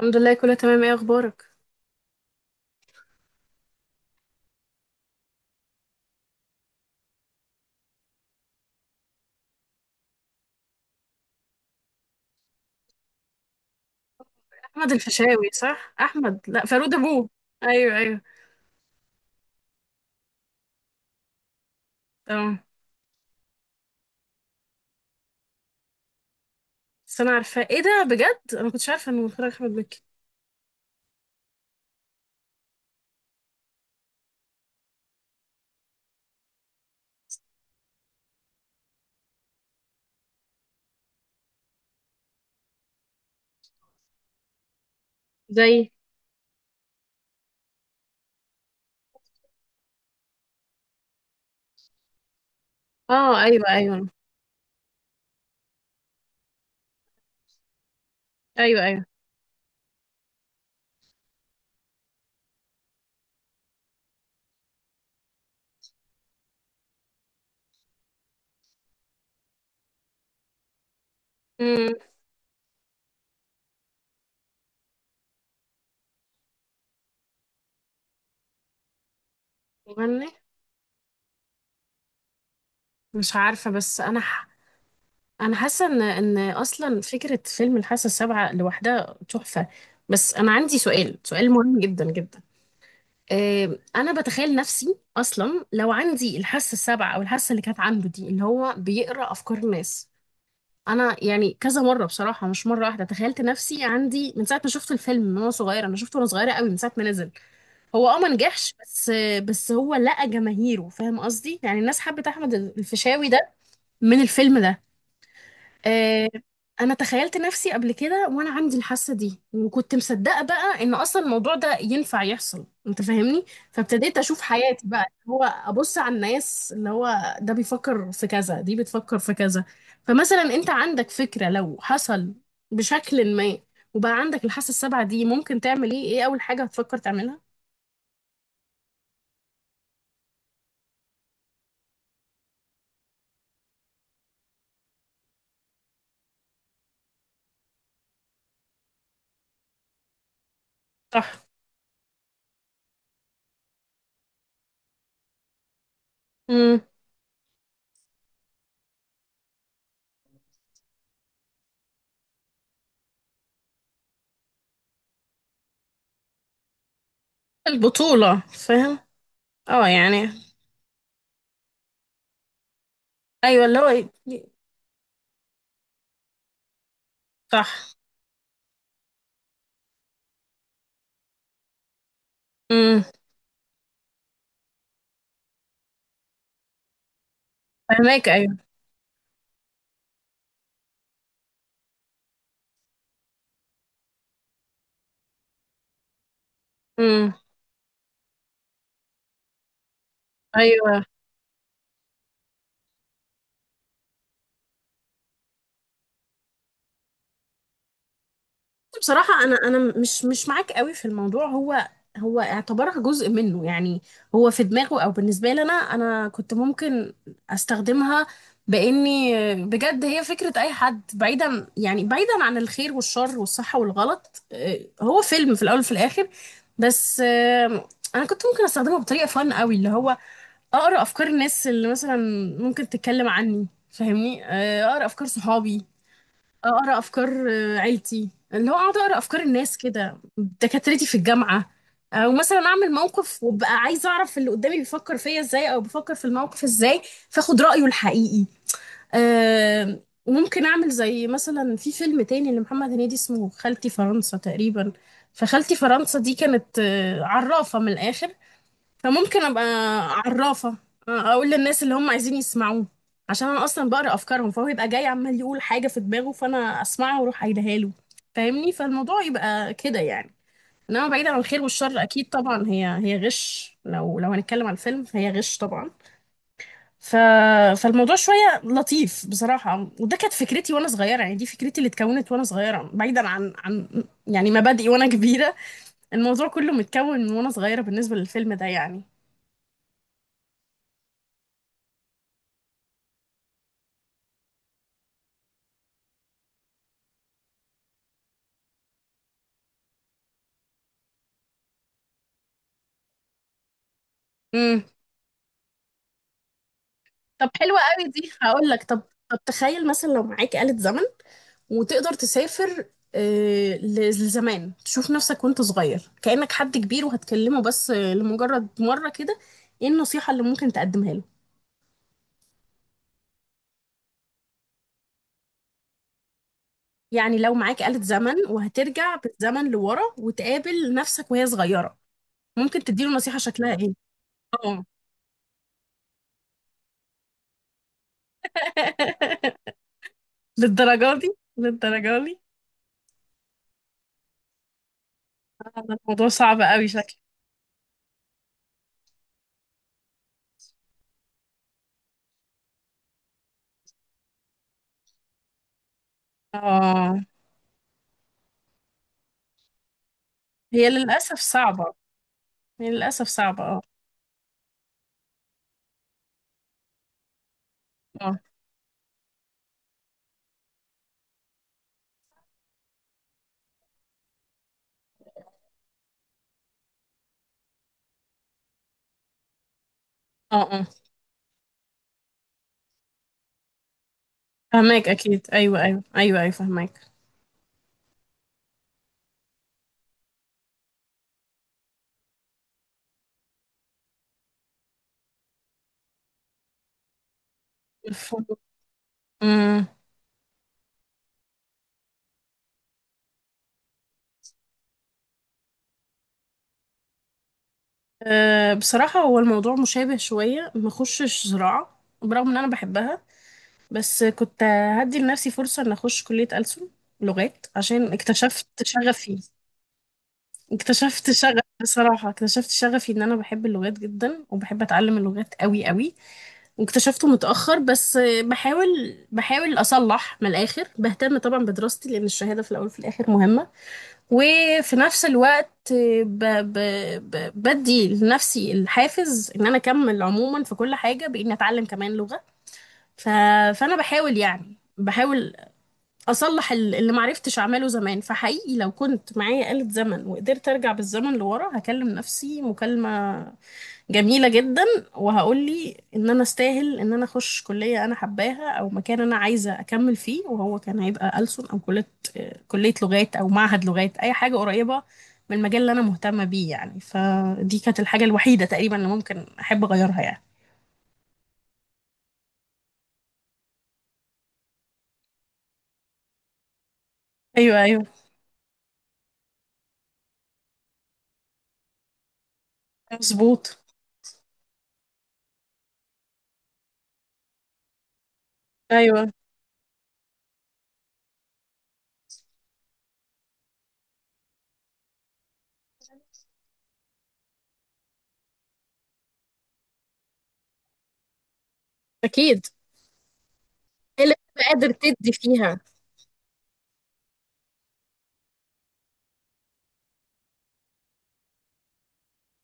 الحمد لله، كله تمام. ايه اخبارك؟ احمد الفيشاوي، صح؟ احمد، لا، فاروق ابوه. ايوه ايوه، تمام. بس انا عارفه ايه ده. بجد انا ما كنتش عارفه انه متخرج احمد مكي. زي. اه، ايوه ايوه ايوه ايوه. امم. مغني. مش عارفه، بس انا حاسه ان اصلا فكره فيلم الحاسه السابعه لوحدها تحفه. بس انا عندي سؤال، سؤال مهم جدا جدا. انا بتخيل نفسي اصلا لو عندي الحاسه السابعه، او الحاسه اللي كانت عنده دي، اللي هو بيقرا افكار الناس. انا يعني كذا مره بصراحه، مش مره واحده، تخيلت نفسي عندي من ساعه ما شفت الفيلم، من وانا صغيره. انا شفته وانا صغيره قوي، من ساعه ما نزل. هو ما نجحش، بس هو لقى جماهيره. فاهم قصدي؟ يعني الناس حبت احمد الفيشاوي ده من الفيلم ده. آه، انا تخيلت نفسي قبل كده وانا عندي الحاسه دي، وكنت مصدقه بقى ان اصلا الموضوع ده ينفع يحصل. انت فاهمني؟ فابتديت اشوف حياتي بقى، اللي هو ابص على الناس، اللي هو ده بيفكر في كذا، دي بتفكر في كذا. فمثلا انت عندك فكره، لو حصل بشكل ما وبقى عندك الحاسه السابعه دي، ممكن تعمل ايه؟ ايه اول حاجه هتفكر تعملها؟ صح. امم. البطوله، فاهم؟ اه، يعني. ايوه، اللي هو. صح. امم. فهماك. ايوه. امم. ايوه، بصراحة أنا مش معاك قوي في الموضوع. هو اعتبرها جزء منه يعني. هو في دماغه. أو بالنسبة لي، أنا كنت ممكن أستخدمها بإني... بجد هي فكرة أي حد. بعيدا يعني بعيدا عن الخير والشر والصح والغلط، هو فيلم في الأول وفي الآخر. بس أنا كنت ممكن أستخدمه بطريقة فن قوي، اللي هو أقرأ أفكار الناس اللي مثلا ممكن تتكلم عني. فاهمني؟ أقرأ أفكار صحابي، اقرا افكار عيلتي، اللي هو اقعد اقرا افكار الناس كده، دكاترتي في الجامعه. او مثلا اعمل موقف وابقى عايزه اعرف اللي قدامي بيفكر فيا ازاي، او بيفكر في الموقف ازاي، فاخد رايه الحقيقي. آه، ممكن اعمل زي مثلا في فيلم تاني لمحمد هنيدي، اسمه خالتي فرنسا تقريبا. فخالتي فرنسا دي كانت عرافه من الاخر. فممكن ابقى عرافة، اقول للناس اللي هم عايزين يسمعوه، عشان انا اصلا بقرا افكارهم. فهو يبقى جاي عمال يقول حاجة في دماغه، فانا اسمعها واروح قايلها له. فاهمني؟ فالموضوع يبقى كده يعني. انما بعيدا عن الخير والشر، اكيد طبعا هي غش. لو هنتكلم عن الفيلم فهي غش طبعا. ف... فالموضوع شوية لطيف بصراحة. وده كانت فكرتي وانا صغيرة، يعني دي فكرتي اللي اتكونت وانا صغيرة، بعيدا عن يعني مبادئي وانا كبيرة. الموضوع كله متكون من وانا صغيرة بالنسبة للفيلم ده يعني. طب حلوة قوي دي، هقول لك. طب، طب تخيل مثلا لو معاك آلة زمن وتقدر تسافر، لزمان، تشوف نفسك وانت صغير كأنك حد كبير وهتكلمه، بس لمجرد مرة كده. ايه النصيحة اللي ممكن تقدمها له؟ يعني لو معاك آلة زمن وهترجع بالزمن لورا وتقابل نفسك وهي صغيرة، ممكن تديله نصيحة شكلها ايه. اه. للدرجة دي؟ للدرجة دي؟ هذا الموضوع صعب قوي شكله. اه، هي للأسف صعبة. هي للأسف صعبة، اه. آه. اه اه، فهماك اكيد. ايوه ايوه ايوه ايوه، فهماك. الفول. امم. أه، بصراحه هو الموضوع مشابه شويه. ما اخشش زراعه برغم ان انا بحبها. بس كنت هدي لنفسي فرصه ان اخش كليه ألسن، لغات، عشان اكتشفت شغفي. اكتشفت شغف بصراحه اكتشفت شغفي ان انا بحب اللغات جدا وبحب اتعلم اللغات قوي قوي. واكتشفته متاخر، بس بحاول. بحاول اصلح من الاخر. بهتم طبعا بدراستي لان الشهاده في الاول وفي الاخر مهمه. وفي نفس الوقت ب... ب... بدي لنفسي الحافز ان انا اكمل عموما في كل حاجة باني اتعلم كمان لغة. ف... فانا بحاول، يعني بحاول اصلح اللي معرفتش اعمله زمان. فحقيقي لو كنت معايا آلة زمن وقدرت ارجع بالزمن لورا، هكلم نفسي مكالمة جميلة جدا. وهقول لي ان انا استاهل ان انا اخش كلية انا حباها، او مكان انا عايزة اكمل فيه. وهو كان هيبقى ألسن، او كلية لغات، او معهد لغات، اي حاجة قريبة من المجال اللي انا مهتمة بيه يعني. فدي كانت الحاجة الوحيدة تقريبا اللي ممكن احب اغيرها يعني. ايوه ايوه. مظبوط. ايوه. اكيد. إيه اللي انت قادر تدي فيها؟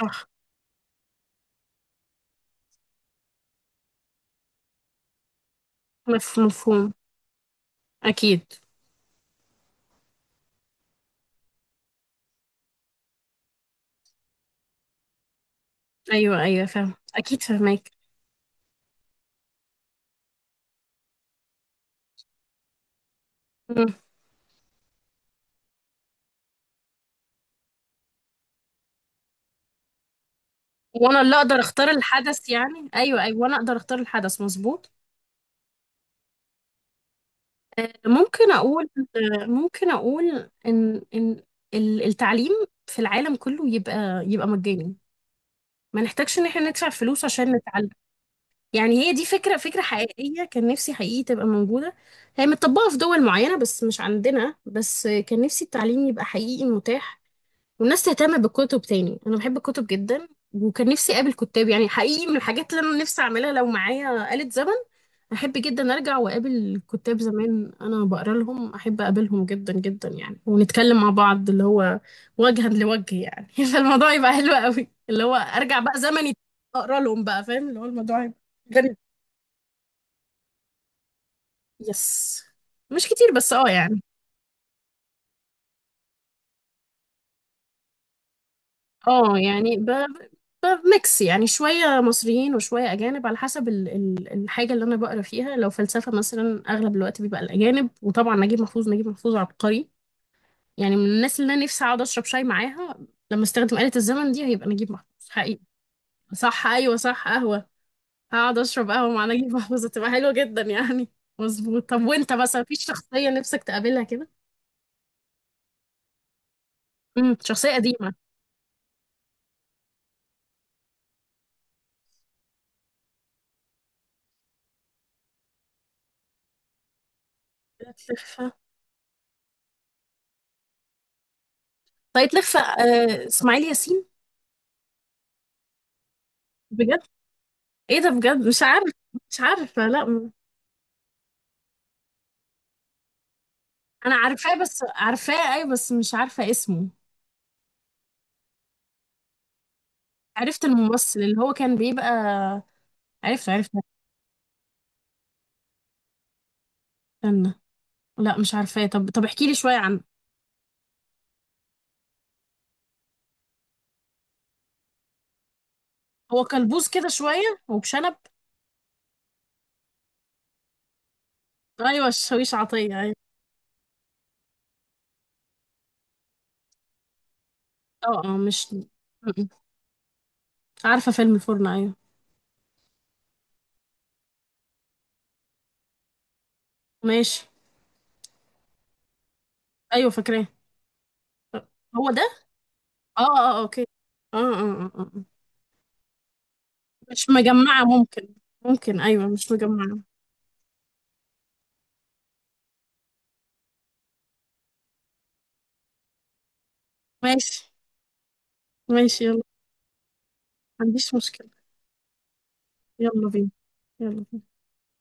صح. مفهوم. اكيد. ايوه ايوه، فاهم. اكيد فاهمك. وانا اللي اقدر اختار الحدث يعني؟ ايوه ايوه، وانا اقدر اختار الحدث. مظبوط. آه، ممكن اقول ممكن اقول ان التعليم في العالم كله يبقى مجاني. ما نحتاجش ان احنا ندفع فلوس عشان نتعلم. يعني هي دي فكرة، فكرة حقيقية كان نفسي حقيقي تبقى موجودة. هي متطبقة في دول معينة بس مش عندنا، بس كان نفسي التعليم يبقى حقيقي متاح. والناس تهتم بالكتب تاني، انا بحب الكتب جدا. وكان نفسي اقابل كتاب يعني حقيقي. من الحاجات اللي انا نفسي اعملها لو معايا آلة زمن، احب جدا ارجع واقابل كتاب زمان انا بقرا لهم. احب اقابلهم جدا جدا يعني، ونتكلم مع بعض اللي هو وجها لوجه يعني. فالموضوع يبقى حلو قوي، اللي هو ارجع بقى زمني، اقرا لهم بقى، فاهم؟ اللي هو الموضوع يبقى غريب. يس. مش كتير، بس اه يعني. اه يعني بميكس يعني شوية مصريين وشوية أجانب، على حسب الحاجة اللي أنا بقرا فيها. لو فلسفة مثلا أغلب الوقت بيبقى الأجانب. وطبعا نجيب محفوظ، نجيب محفوظ عبقري يعني. من الناس اللي انا نفسي اقعد اشرب شاي معاها لما استخدم آلة الزمن دي، هيبقى نجيب محفوظ حقيقي. صح، ايوه، صح، قهوة. هقعد اشرب قهوة مع نجيب محفوظ، هتبقى حلوة جدا يعني. مظبوط. طب وانت بس مفيش شخصية نفسك تقابلها كده؟ امم. شخصية قديمة. لفة. طيب، لفة. اسماعيل ياسين؟ بجد؟ ايه ده! بجد مش عارف. مش عارفة. لا م- انا عارفاه، بس عارفاه اي، بس مش عارفة اسمه. عرفت الممثل اللي هو كان بيبقى. عرفت عرفت. استنى. لا مش عارفاه. طب، طب احكي لي شوية عنه. هو كلبوز كده شوية وبشنب. أيوة الشاويش عطية، أيوة. اه اه، مش م- م. عارفة فيلم الفرن؟ أيوة. ماشي. أيوة فاكراه. هو ده. اه اه، آه، اوكي. اه اه اه، آه. أه. مش مجمعة ممكن. ممكن، أيوة، مش مجمعة. ماشي. ماشي، يلا، ما عنديش مشكلة. يلا بينا. يلا.